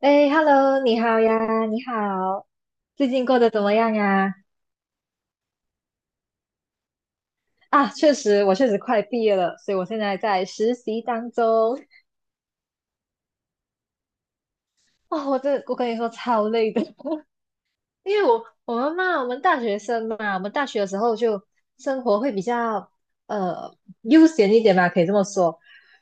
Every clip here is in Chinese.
哎，Hello，你好呀，你好，最近过得怎么样呀？啊，确实，我确实快毕业了，所以我现在在实习当中。哦，我跟你说超累的，因为我们嘛，我们大学生嘛，我们大学的时候就生活会比较呃悠闲一点吧，可以这么说。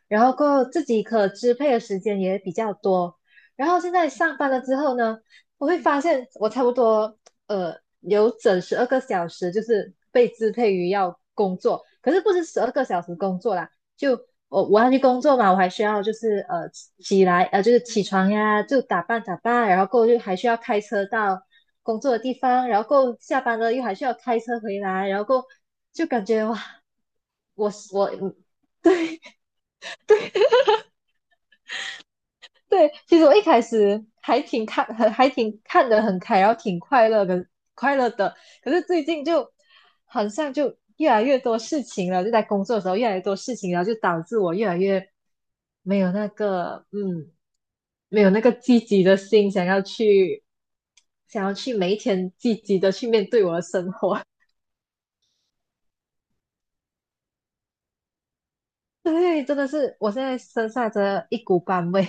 然后过后自己可支配的时间也比较多。然后现在上班了之后呢，我会发现我差不多呃有整十二个小时就是被支配于要工作，可是不是十二个小时工作啦，就我要去工作嘛，我还需要就是起床呀，就打扮打扮，然后过后就还需要开车到工作的地方，然后过后下班了又还需要开车回来，然后过后就感觉哇，我 对对，其实我一开始还挺看，很还挺看得很开，然后挺快乐的，快乐的。可是最近就好像就越来越多事情了，就在工作的时候越来越多事情，然后就导致我越来越没有那个，没有那个积极的心，想要去每一天积极的去面对我的生活。对，真的是我现在身上真的一股班味，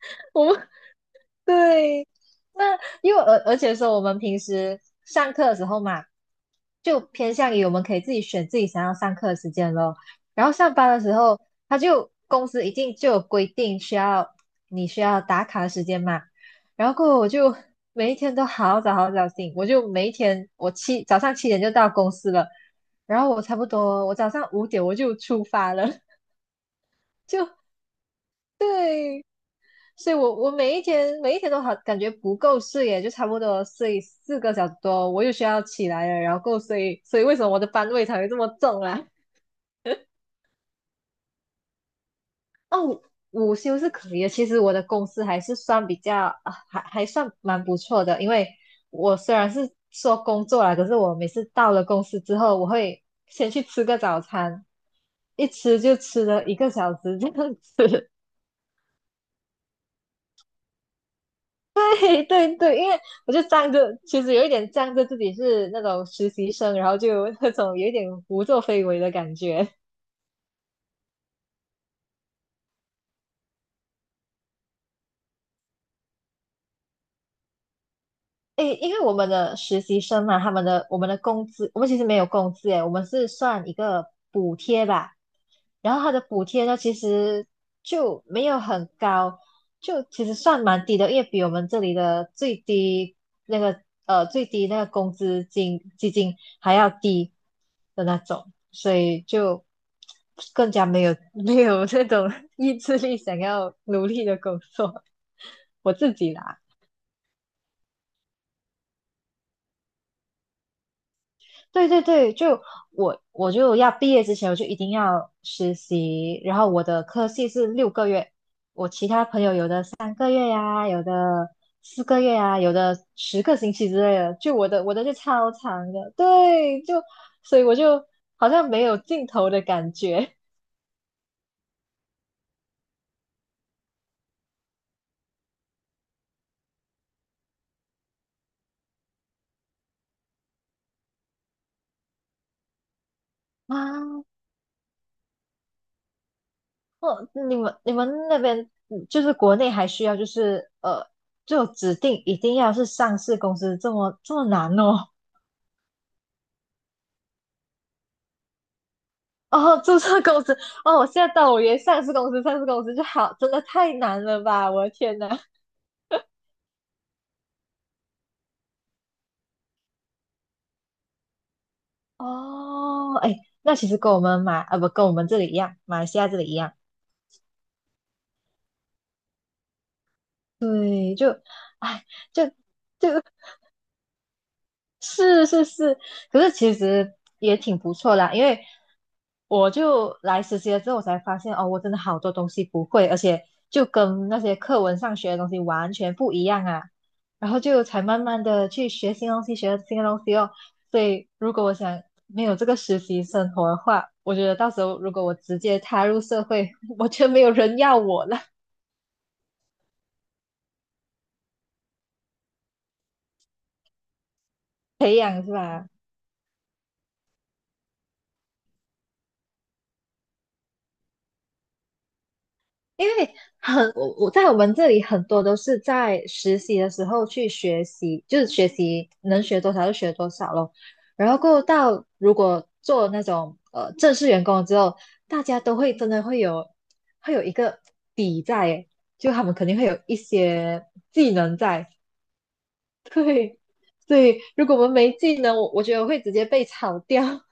我们 对，那因为而而且说我们平时上课的时候嘛，就偏向于我们可以自己选自己想要上课的时间咯。然后上班的时候，公司一定就有规定你需要打卡的时间嘛。然后过后我就每一天都好早好早醒，我就每一天早上7点就到公司了，然后我差不多早上5点我就出发了，就对。所以我每一天每一天都好感觉不够睡耶，就差不多睡4个小时多，我又需要起来了，然后够睡，所以为什么我的班味才会这么重啊？哦，午休是可以的，其实我的公司还是算比较啊，还算蛮不错的，因为我虽然是说工作啦，可是我每次到了公司之后，我会先去吃个早餐，一吃就吃了1个小时这样子，对对对，因为我就其实有一点仗着自己是那种实习生，然后就 有那种有一点胡作非为的感觉。诶，因为我们的实习生嘛，他们的我们的工资，我们其实没有工资诶，我们是算一个补贴吧，然后它的补贴呢，其实就没有很高，就其实算蛮低的，因为比我们这里的那个最低那个工资金基金还要低的那种，所以就更加没有那种 意志力想要努力的工作。我自己啦，对对对，就我就要毕业之前我就一定要实习，然后我的科系是6个月，3个月呀、有的4个月呀、有的10个星期之类的。就我的就超长的，对，就所以我就好像没有尽头的感觉 啊。哦，你们那边就是国内还需要就是，就指定一定要是上市公司这么这么难哦。哦，注册公司哦，我现在到我，以为上市公司，上市公司就好，真的太难了吧！我的天呐。哦，哎，那其实跟我们马啊不跟我们这里一样，马来西亚这里一样，对，就哎就就 是是是，可是其实也挺不错啦，因为我就来实习了之后，我才发现哦，我真的好多东西不会，而且就跟那些课文上学的东西完全不一样啊。然后就才慢慢的去学新东西，学新的东西哦。所以如果我想没有这个实习生活的话，我觉得到时候如果我直接踏入社会，我觉得没有人要我了。培养是吧？因为我在我们这里很多都是在实习的时候去学习，就是学习能学多少就学多少咯。然后过后到如果做那种正式员工了之后，大家都会真的会有一个底在耶就他们肯定会有一些技能在。对，所以如果我们没技能，我觉得我会直接被炒掉。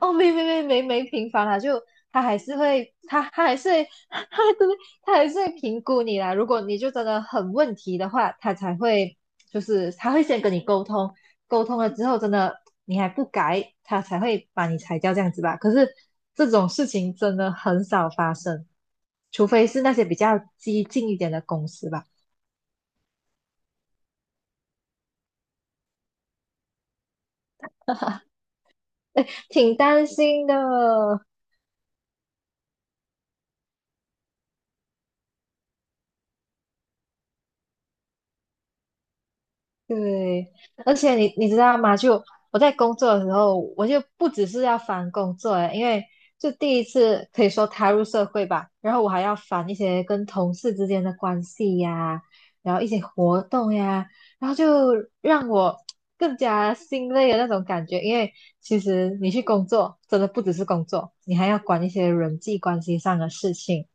哦，没没没没没频繁啦，就他还是会，他还是会 他还是会评估你啦。如果你就真的很问题的话，他才会就是他会先跟你沟通，沟通了之后真的你还不改，他才会把你裁掉这样子吧。可是这种事情真的很少发生，除非是那些比较激进一点的公司吧。挺担心的，对，而且你知道吗？就我在工作的时候，我就不只是要烦工作诶，因为就第一次可以说踏入社会吧，然后我还要烦一些跟同事之间的关系呀，然后一些活动呀，然后就让我更加心累的那种感觉。因为其实你去工作，真的不只是工作，你还要管一些人际关系上的事情。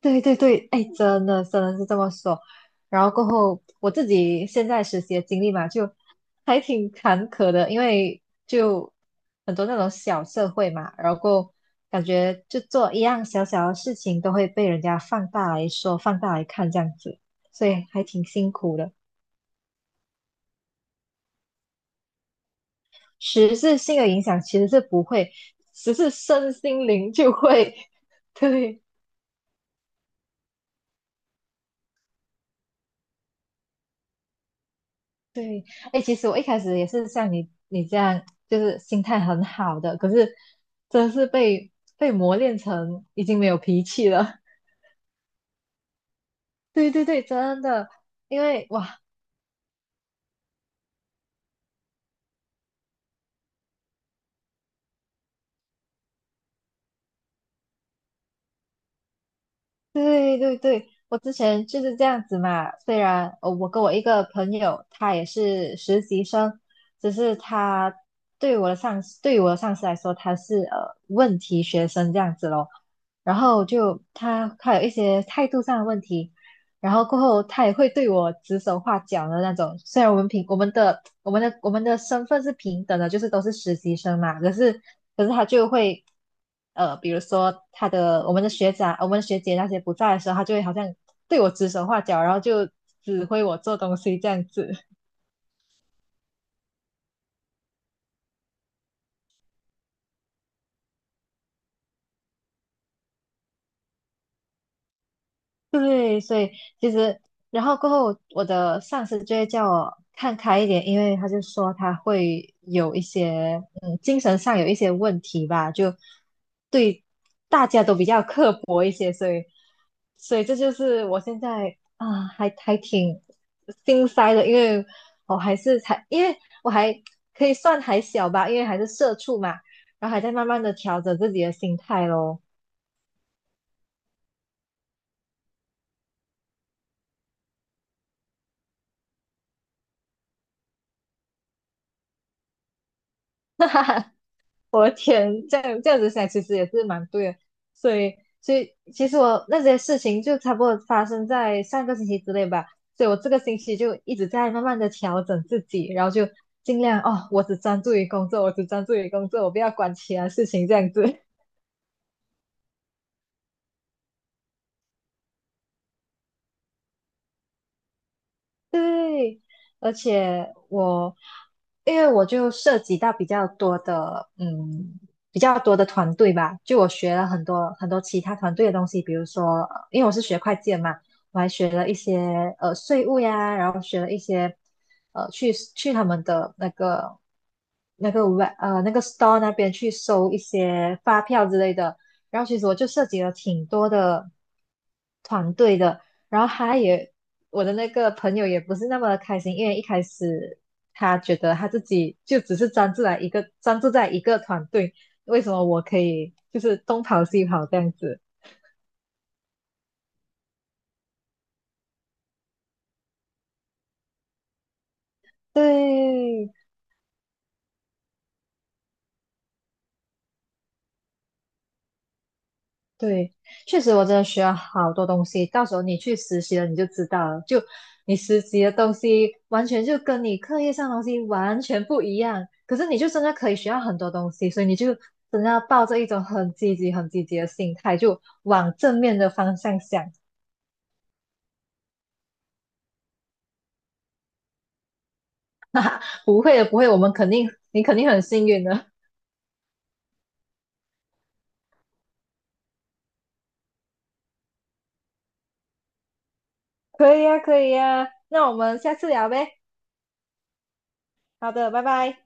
对对对，哎，真的真的是这么说。然后过后，我自己现在实习的经历嘛，就还挺坎坷的，因为就很多那种小社会嘛，然后过后感觉就做一样小小的事情都会被人家放大来说、放大来看这样子，所以还挺辛苦的。实质性的影响其实是不会，只是身心灵就会，对。对，哎，其实我一开始也是像你这样，就是心态很好的，可是真是被磨练成已经没有脾气了。对对对，真的，因为哇，对对对，我之前就是这样子嘛。虽然我跟我一个朋友，他也是实习生，只是他对我的上司，对于我的上司来说，他是问题学生这样子咯。然后就他有一些态度上的问题。然后过后他也会对我指手画脚的那种。虽然我们平我们的我们的我们的身份是平等的，就是都是实习生嘛，可是他就会比如说我们的学长、我们的学姐那些不在的时候，他就会好像对我指手画脚，然后就指挥我做东西这样子。对，所以其实，然后过后，我的上司就会叫我看开一点，因为他就说他会有一些，精神上有一些问题吧，就对大家都比较刻薄一些，所以这就是我现在啊，还挺心塞的，因为我还是才，因为我还可以算还小吧，因为还是社畜嘛，然后还在慢慢的调整自己的心态咯，我的天，这样子想其实也是蛮对的，所以所以其实我那些事情就差不多发生在上个星期之内吧，所以我这个星期就一直在慢慢的调整自己，然后就尽量哦，我只专注于工作，我只专注于工作，我不要管其他事情这样子。对，而且因为我就涉及到比较多的团队吧，就我学了很多很多其他团队的东西，比如说，因为我是学会计的嘛，我还学了一些税务呀，然后学了一些去他们的那个 store 那边去收一些发票之类的，然后其实我就涉及了挺多的团队的。然后他也，我的那个朋友也不是那么的开心，因为一开始他觉得他自己就只是专注在一个团队，为什么我可以就是东跑西跑这样子？对，对，确实我真的学了好多东西。到时候你去实习了，你就知道了。就你实习的东西，完全就跟你课业上的东西完全不一样。可是你就真的可以学到很多东西，所以你就真的要抱着一种很积极、很积极的心态，就往正面的方向想。不会的，不会，我们肯定，你肯定很幸运的。可以呀，可以呀。那我们下次聊呗。好的，拜拜。